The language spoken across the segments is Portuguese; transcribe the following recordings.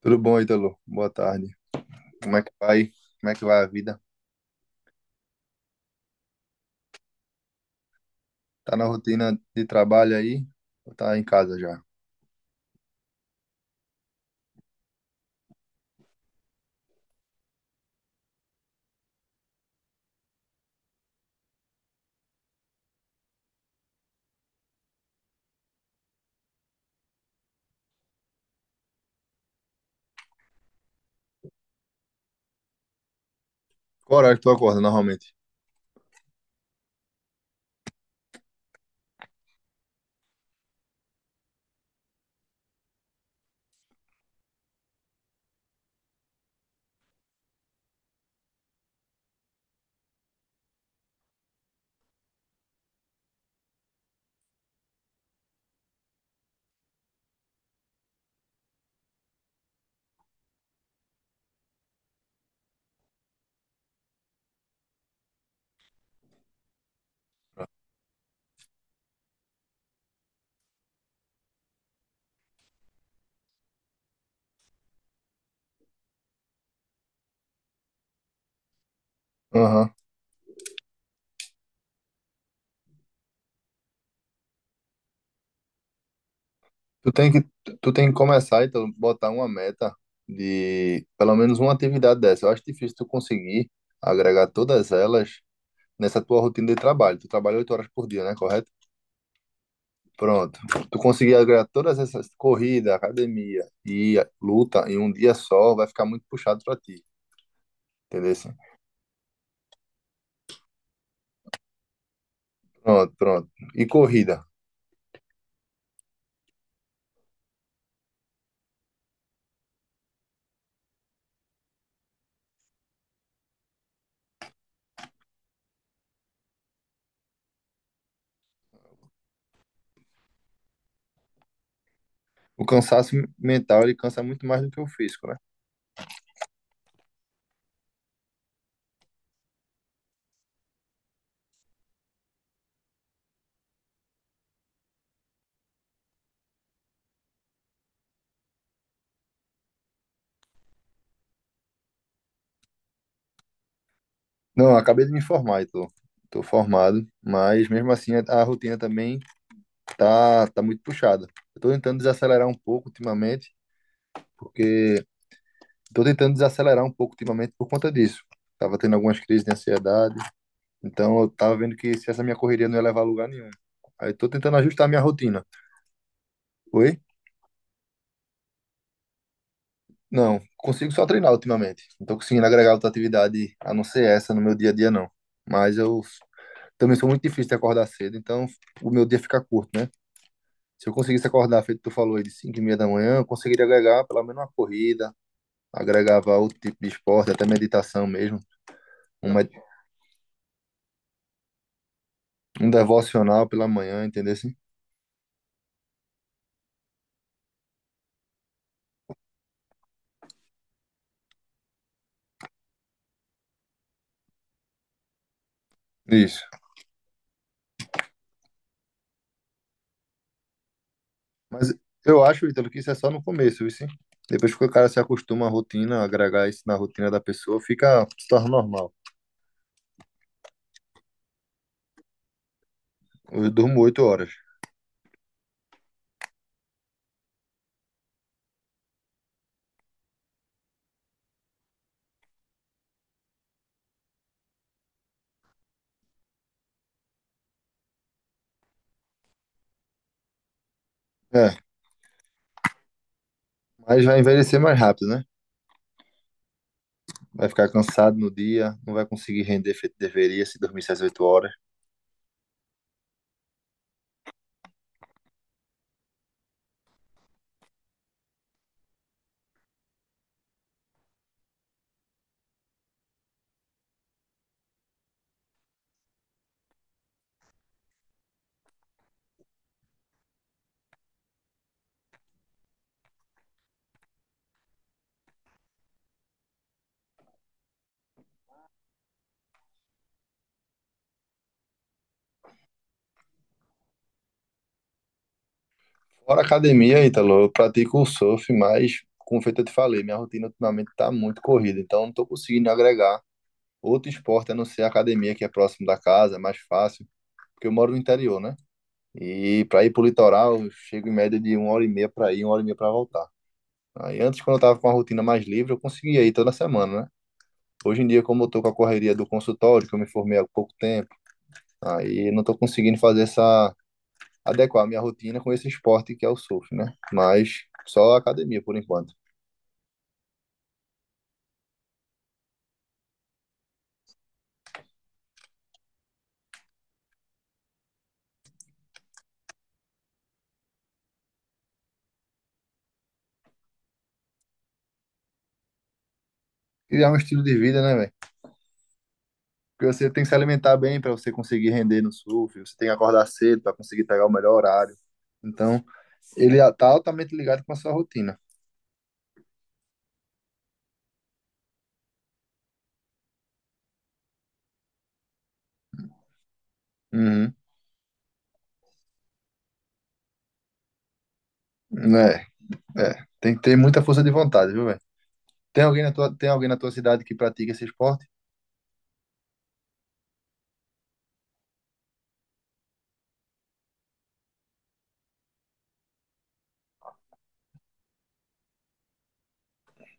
Tudo bom, Ítalo? Boa tarde. Como é que vai? Como é que vai a vida? Tá na rotina de trabalho aí? Ou tá em casa já? Qual horário que tu acorda normalmente? Aham. Tu tem que, tu tem que começar, Ítalo, botar uma meta de pelo menos uma atividade dessa. Eu acho difícil tu conseguir agregar todas elas nessa tua rotina de trabalho. Tu trabalha 8 horas por dia, né? Correto? Pronto. Tu conseguir agregar todas essas corrida, academia e luta em um dia só, vai ficar muito puxado pra ti. Entendeu? Pronto, pronto. E corrida. O cansaço mental, ele cansa muito mais do que o físico, né? Não, eu acabei de me formar e tô formado, mas mesmo assim a rotina também tá muito puxada. Eu tô tentando desacelerar um pouco ultimamente, porque tô tentando desacelerar um pouco ultimamente por conta disso. Tava tendo algumas crises de ansiedade, então eu tava vendo que se essa minha correria não ia levar a lugar nenhum. Aí tô tentando ajustar a minha rotina. Oi? Não, consigo só treinar ultimamente. Não tô conseguindo agregar outra atividade a não ser essa no meu dia a dia, não. Mas eu também sou muito difícil de acordar cedo, então o meu dia fica curto, né? Se eu conseguisse acordar, feito tu falou aí, de 5h30 da manhã, eu conseguiria agregar pelo menos uma corrida, agregava outro tipo de esporte, até meditação mesmo, um, med- um devocional pela manhã, entendeu? Assim? Isso. Mas eu acho, Ítalo, que isso é só no começo, viu? Sim? Depois que o cara se acostuma à rotina, agregar isso na rotina da pessoa, fica, se torna normal. Eu durmo 8 horas. É, mas vai envelhecer mais rápido, né? Vai ficar cansado no dia, não vai conseguir render feito deveria se dormir 6, 8 horas. Fora a academia, Ítalo, eu pratico o surf, mas, como feito eu te falei, minha rotina ultimamente tá muito corrida, então não tô conseguindo agregar outro esporte a não ser a academia, que é próximo da casa, é mais fácil, porque eu moro no interior, né? E para ir pro litoral, eu chego em média de uma hora e meia para ir, uma hora e meia para voltar. Aí antes, quando eu tava com uma rotina mais livre, eu conseguia ir toda semana, né? Hoje em dia, como eu tô com a correria do consultório, que eu me formei há pouco tempo, aí não tô conseguindo fazer essa, adequar a minha rotina com esse esporte que é o surf, né? Mas só academia por enquanto. E é um estilo de vida, né, velho? Porque você tem que se alimentar bem para você conseguir render no surf, você tem que acordar cedo para conseguir pegar o melhor horário. Então, ele tá altamente ligado com a sua rotina. Uhum. É, é. Tem que ter muita força de vontade, viu, velho? Tem alguém na tua, tem alguém na tua cidade que pratica esse esporte?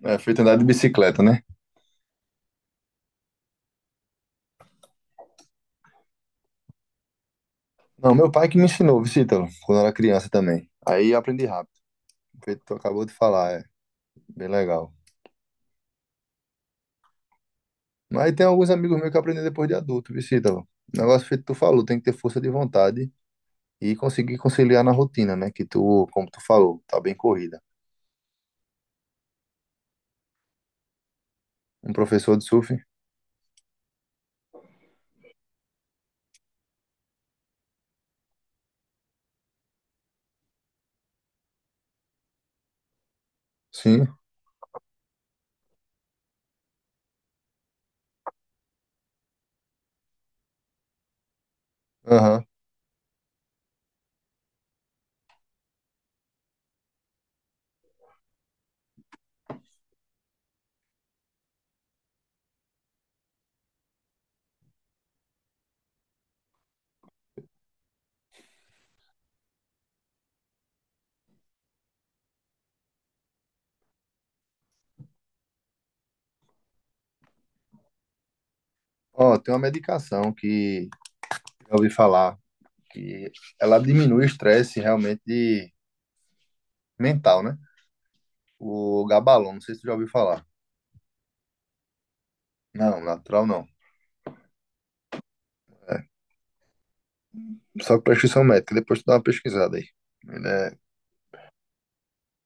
É, feito andar de bicicleta, né? Não, meu pai que me ensinou, Vicítalo, quando eu era criança também. Aí eu aprendi rápido. Que tu acabou de falar, é bem legal. Mas tem alguns amigos meus que aprendem depois de adulto, viu, Ítalo? O negócio feito que tu falou, tem que ter força de vontade e conseguir conciliar na rotina, né? Que tu, como tu falou, tá bem corrida. Um professor de surf? Sim. Aham. Ó, tem uma medicação que eu ouvi falar que ela diminui o estresse realmente mental, né? O Gabalon, não sei se tu já ouviu falar. Não, natural não. Só com prescrição médica, depois tu dá uma pesquisada aí. Ele é...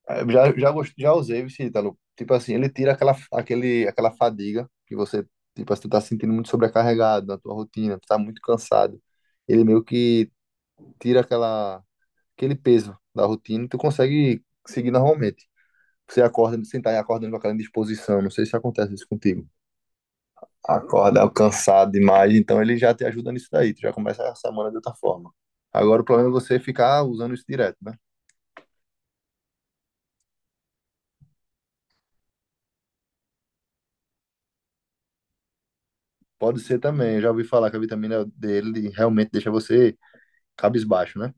Eu Já usei o Vitalo. Tipo assim, ele tira aquela, aquele, aquela fadiga que você, tipo assim, tu tá sentindo muito sobrecarregado na tua rotina, tu tá muito cansado. Ele meio que tira aquela, aquele, peso da rotina e tu consegue seguir normalmente. Você acorda, sentar e acordando com aquela disposição. Não sei se acontece isso contigo. Acorda cansado demais, então ele já te ajuda nisso daí. Tu já começa a semana de outra forma. Agora o problema é você ficar usando isso direto, né? Pode ser também, eu já ouvi falar que a vitamina dele realmente deixa você cabisbaixo, né?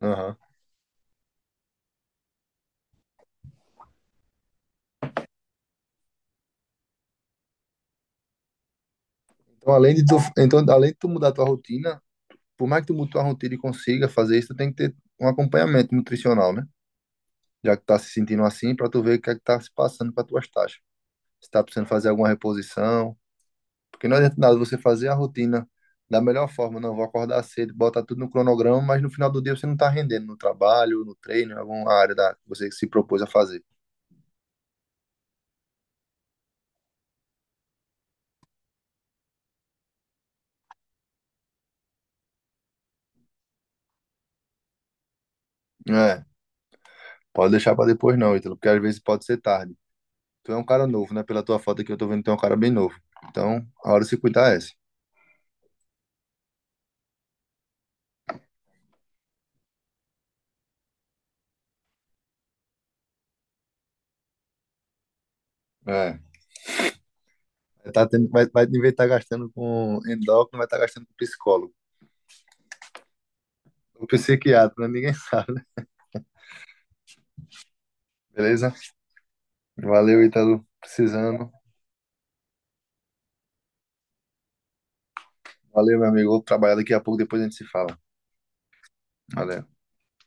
Aham. Então, além de tu mudar tua rotina, por mais que tu mude tua rotina e consiga fazer isso, tu tem que ter um acompanhamento nutricional, né? Já que tá se sentindo assim, pra tu ver o que é que tá se passando com as tuas taxas. Se tá precisando fazer alguma reposição, porque não adianta nada você fazer a rotina da melhor forma, não, vou acordar cedo, botar tudo no cronograma, mas no final do dia você não tá rendendo no trabalho, no treino, em alguma área da que você se propôs a fazer. É, pode deixar pra depois não, Ítalo, porque às vezes pode ser tarde. Tu é um cara novo, né? Pela tua foto aqui, eu tô vendo que tu é um cara bem novo. Então, a hora de se cuidar é essa. É. Tá tendo, vai, em vez de estar gastando com endócrino, vai estar gastando com psicólogo. Ou psiquiatra, né? Ninguém sabe, né? Beleza? Valeu, Ítalo. Precisando. Valeu, meu amigo. Vou trabalhar daqui a pouco, depois a gente se fala. Valeu.